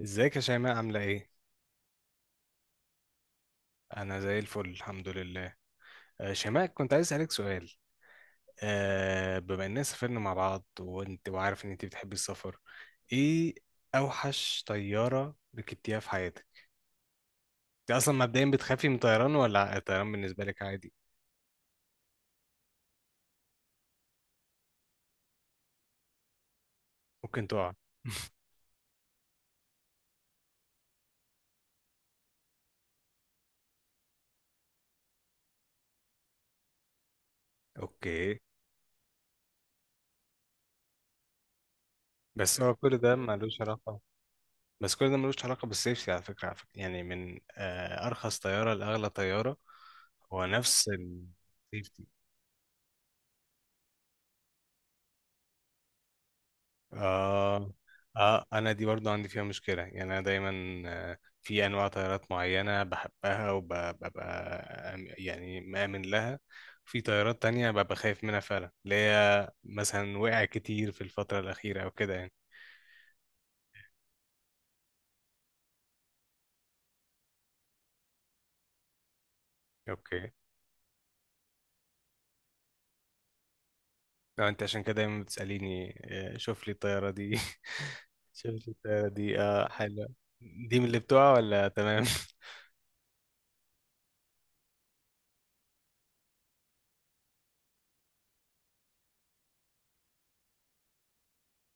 ازيك يا شيماء؟ عاملة ايه؟ أنا زي الفل الحمد لله. شيماء، كنت عايز أسألك سؤال. بما إننا سافرنا مع بعض وأنت وعارف إن أنت بتحبي السفر. ايه أوحش طيارة ركبتيها في حياتك؟ أنت أصلا مبدئيا بتخافي من الطيران ولا الطيران بالنسبة لك عادي؟ ممكن تقع. اوكي، بس هو كل ده ملوش علاقة، بس كل ده ملوش علاقة بالسيفتي على فكرة، على فكرة يعني، من أرخص طيارة لأغلى طيارة، هو نفس السيفتي. آه. آه، أنا دي برضو عندي فيها مشكلة، يعني أنا دايما في أنواع طيارات معينة بحبها وببقى يعني مآمن لها، في طيارات تانية ببقى خايف منها فعلا، اللي هي مثلا وقع كتير في الفترة الأخيرة أو كده يعني. أوكي. لو أنت عشان كده دايما بتسأليني، شوف لي الطيارة دي، شوف لي الطيارة دي، آه حلوة، دي من اللي بتوع ولا تمام؟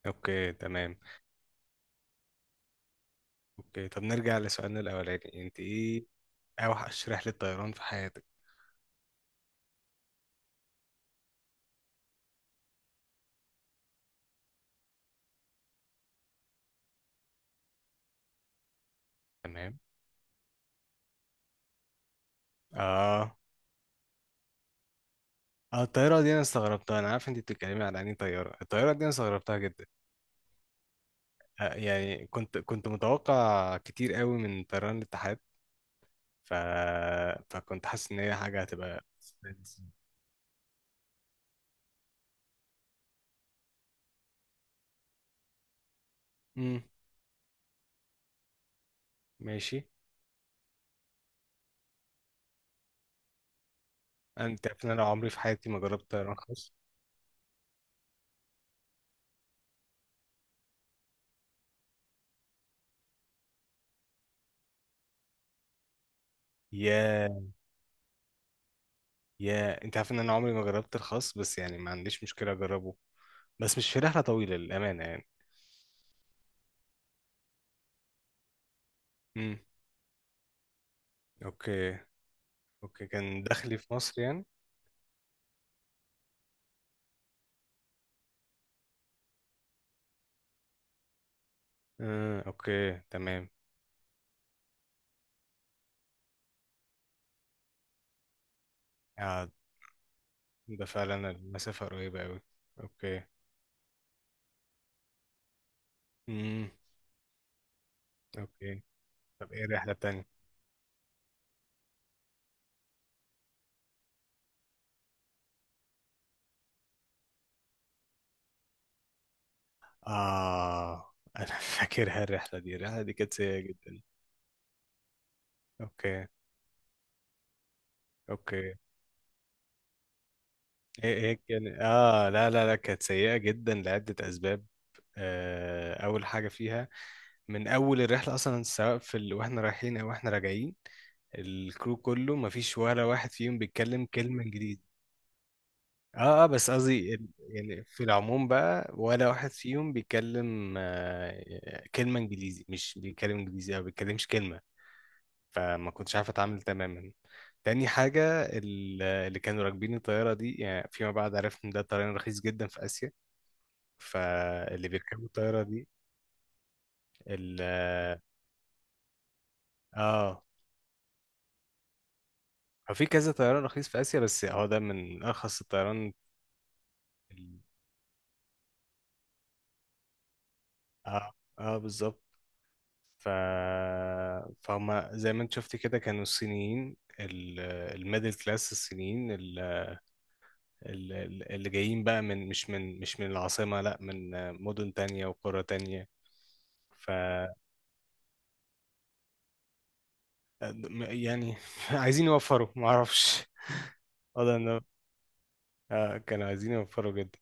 أوكي تمام. أوكي، طب نرجع لسؤالنا الأولاني، أنت إيه اوحش رحلة طيران في حياتك؟ تمام. اه، اه الطيارة دي انا استغربتها، انا عارف انت بتتكلمي على انهي طيارة، الطيارة دي انا استغربتها جدا. آه، يعني كنت متوقع كتير قوي من طيران الاتحاد، ف... فكنت حاسس ان هي حاجة هتبقى. امم. ماشي. انت عارف ان انا عمري في حياتي ما جربت طيران خاص؟ يا، يا انت عارف ان انا عمري ما جربت الخاص، بس يعني ما عنديش مشكلة اجربه، بس مش في رحلة طويلة للأمانة يعني. امم. اوكي. اوكي، كان دخلي في مصر يعني؟ اوكي تمام. آه، ده فعلا المسافة قريبة أوي. اوكي. امم. اوكي، طب ايه الرحلة التانية؟ اه انا فاكرها الرحلة دي، الرحلة دي كانت سيئة جدا. اوكي. اوكي. ايه ايه كان اه، لا لا لا كانت سيئة جدا لعدة اسباب. اول حاجة فيها من اول الرحلة اصلا، سواء في واحنا رايحين او واحنا راجعين، الكرو كله مفيش ولا واحد فيهم بيتكلم كلمة انجليزي. اه اه، بس قصدي يعني في العموم بقى ولا واحد فيهم بيتكلم كلمة انجليزي، مش بيتكلم انجليزي او بيتكلمش كلمة. فما كنتش عارف اتعامل تماما. تاني حاجة اللي كانوا راكبين الطيارة دي، يعني فيما بعد عرفت ان ده طيران رخيص جدا في اسيا، فاللي بيركبوا الطيارة دي ال اه، هو في كذا طيران رخيص في اسيا بس هو ده من ارخص الطيران. ال- اه اه بالظبط. ف... فهم زي ما انت شفت كده كانوا الصينيين، الميدل كلاس الصينيين، اللي جايين بقى من مش من، مش من العاصمة لا، من مدن تانية وقرى تانية. ف م- يعني عايزين يوفروا معرفش، والله انه كانوا عايزين يوفروا جدا.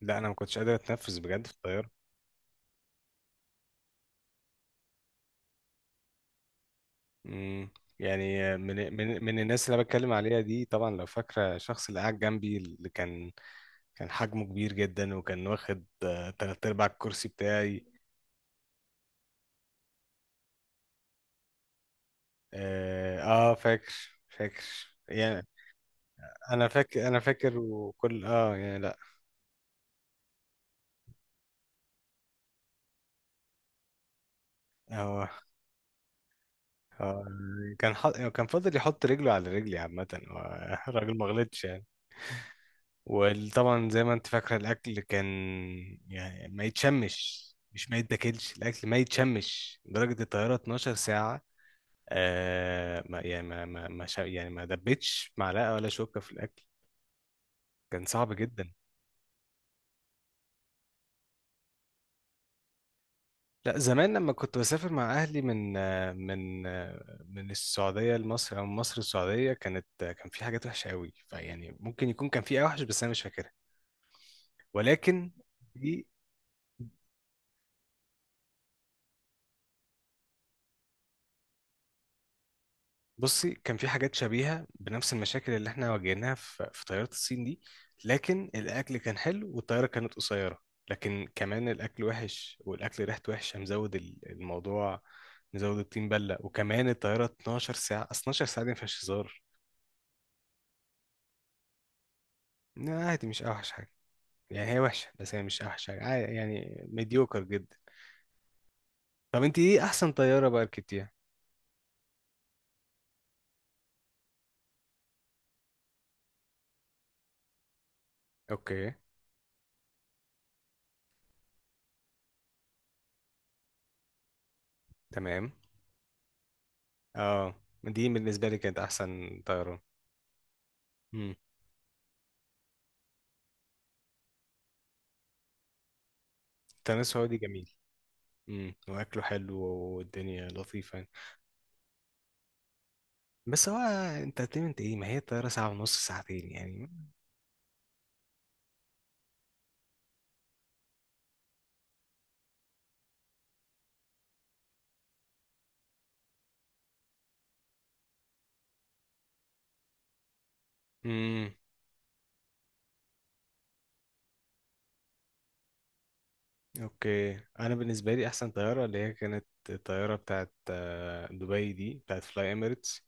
لا انا ما كنتش قادر اتنفس بجد في الطيارة. مم. يعني من الناس اللي أنا بتكلم عليها دي، طبعا لو فاكرة الشخص اللي قاعد جنبي، اللي كان كان حجمه كبير جدا وكان واخد تلات ارباع الكرسي بتاعي. اه فاكر، فاكر يعني، انا فاكر، انا فاكر وكل اه يعني لا. هو هو كان حط... كان فاضل يحط رجله على رجلي عامة، هو الراجل ما غلطش يعني. وطبعا زي ما انت فاكرة الأكل كان يعني ما يتشمش، مش ما يتاكلش، الأكل ما يتشمش، درجة الطيارة 12 ساعة. آه ما يعني ما ما ما شا- يعني ما دبتش معلقة ولا شوكة في الأكل. كان صعب جدا. لا زمان لما كنت بسافر مع اهلي من من السعوديه لمصر او من مصر السعوديه، كانت كان في حاجات وحشه قوي، فيعني ممكن يكون كان في اوحش بس انا مش فاكرها. ولكن دي بصي، كان في حاجات شبيهه بنفس المشاكل اللي احنا واجهناها في طياره الصين دي، لكن الاكل كان حلو والطياره كانت قصيره. لكن كمان الاكل وحش والاكل ريحته وحشه، مزود الموضوع، مزود الطين بله، وكمان الطياره 12 ساعه، أصل 12 ساعه دي ما فيهاش هزار. لا عادي، مش اوحش حاجه، يعني هي وحشه بس هي مش اوحش حاجه، عادي يعني، مديوكر جدا. طب انت ايه احسن طياره بقى ركبتيها؟ اوكي تمام. اه، دي بالنسبه لي كانت احسن طياره. امم. التنس سعودي جميل. امم، واكله حلو والدنيا لطيفه يعني. بس هو انترتينمنت ايه، ما هي الطياره ساعه ونص ساعتين يعني. امم. اوكي، انا بالنسبه لي احسن طياره اللي هي كانت الطياره بتاعت دبي، دي بتاعت فلاي اميريتس.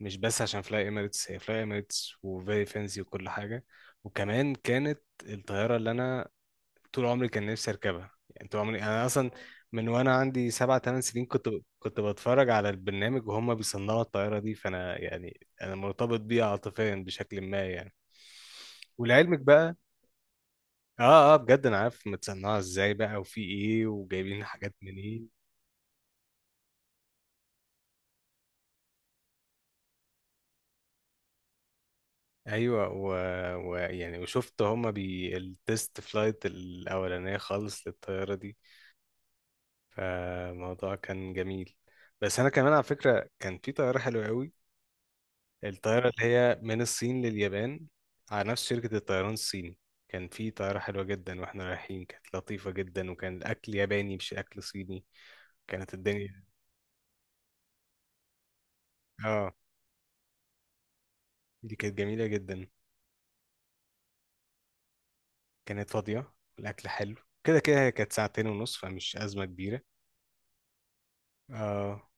مش بس عشان فلاي اميريتس هي فلاي اميريتس وفيري فانسي وكل حاجه، وكمان كانت الطياره اللي انا طول عمري كان نفسي اركبها. يعني طول عمري انا اصلا من وانا عندي سبع ثمان سنين كنت كنت بتفرج على البرنامج وهم بيصنعوا الطياره دي، فانا يعني انا مرتبط بيها عاطفيا بشكل ما يعني. ولعلمك بقى اه، اه بجد انا عارف متصنعه ازاي بقى وفي ايه وجايبين حاجات منين. ايوه ويعني ويعني وشفت هما بي التست فلايت الاولانيه خالص للطياره دي، فالموضوع كان جميل. بس انا كمان على فكره كان في طياره حلوه قوي، الطياره اللي هي من الصين لليابان، على نفس شركه الطيران الصيني. كان في طياره حلوه جدا، واحنا رايحين كانت لطيفه جدا وكان الاكل ياباني مش اكل صيني، كانت الدنيا اه، دي كانت جميله جدا. كانت فاضيه، الاكل حلو، كده كده هي كانت ساعتين ونص فمش ازمه كبيره. اه،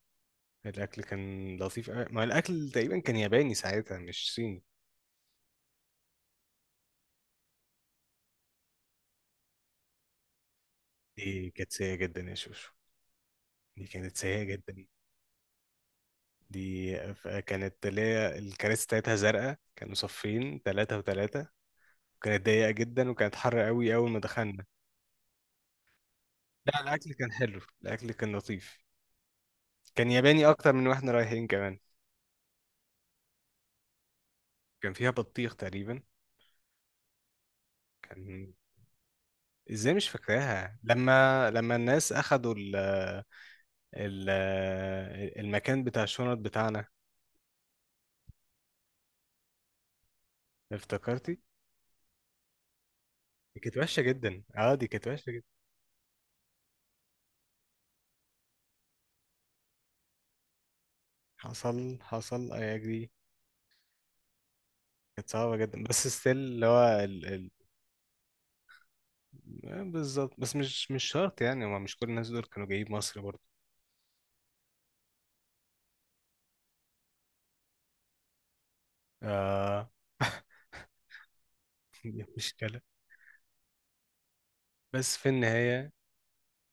الاكل كان لطيف أوي. ما الاكل تقريبا كان ياباني ساعتها مش صيني. دي كانت سيئه جدا يا شوشو، دي كانت سيئه جدا. كانت اللي هي الكراسي بتاعتها زرقاء، كانوا صفين ثلاثه وثلاثه، كانت ضيقه جدا وكانت حر قوي اول ما دخلنا. لا الاكل كان حلو، الاكل كان لطيف، كان ياباني اكتر من واحنا رايحين كمان. كان فيها بطيخ تقريبا. كان ازاي مش فاكراها لما لما الناس اخدوا ال... المكان بتاع الشنط بتاعنا؟ افتكرتي؟ دي كانت وحشة جدا، اه دي كانت وحشة جدا. حصل، حصل اي اجري. كانت صعبة جدا، بس ستيل اللي هو آه، بالظبط. بس مش شرط يعني، هما مش كل الناس دول كانوا جايين مصر برضه. آه. دي مشكلة. بس في النهاية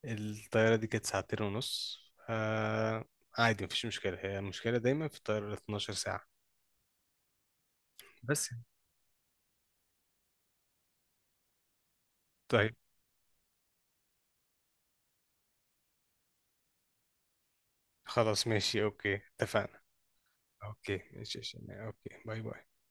الطيارة دي كانت ساعتين ونص، آه عادي، مفيش مشكلة، هي المشكلة دايما في الطيارة 12 ساعة بس يعني. طيب، خلاص ماشي اوكي، اتفقنا. اوكي ماشي، ماشي. اوكي باي باي.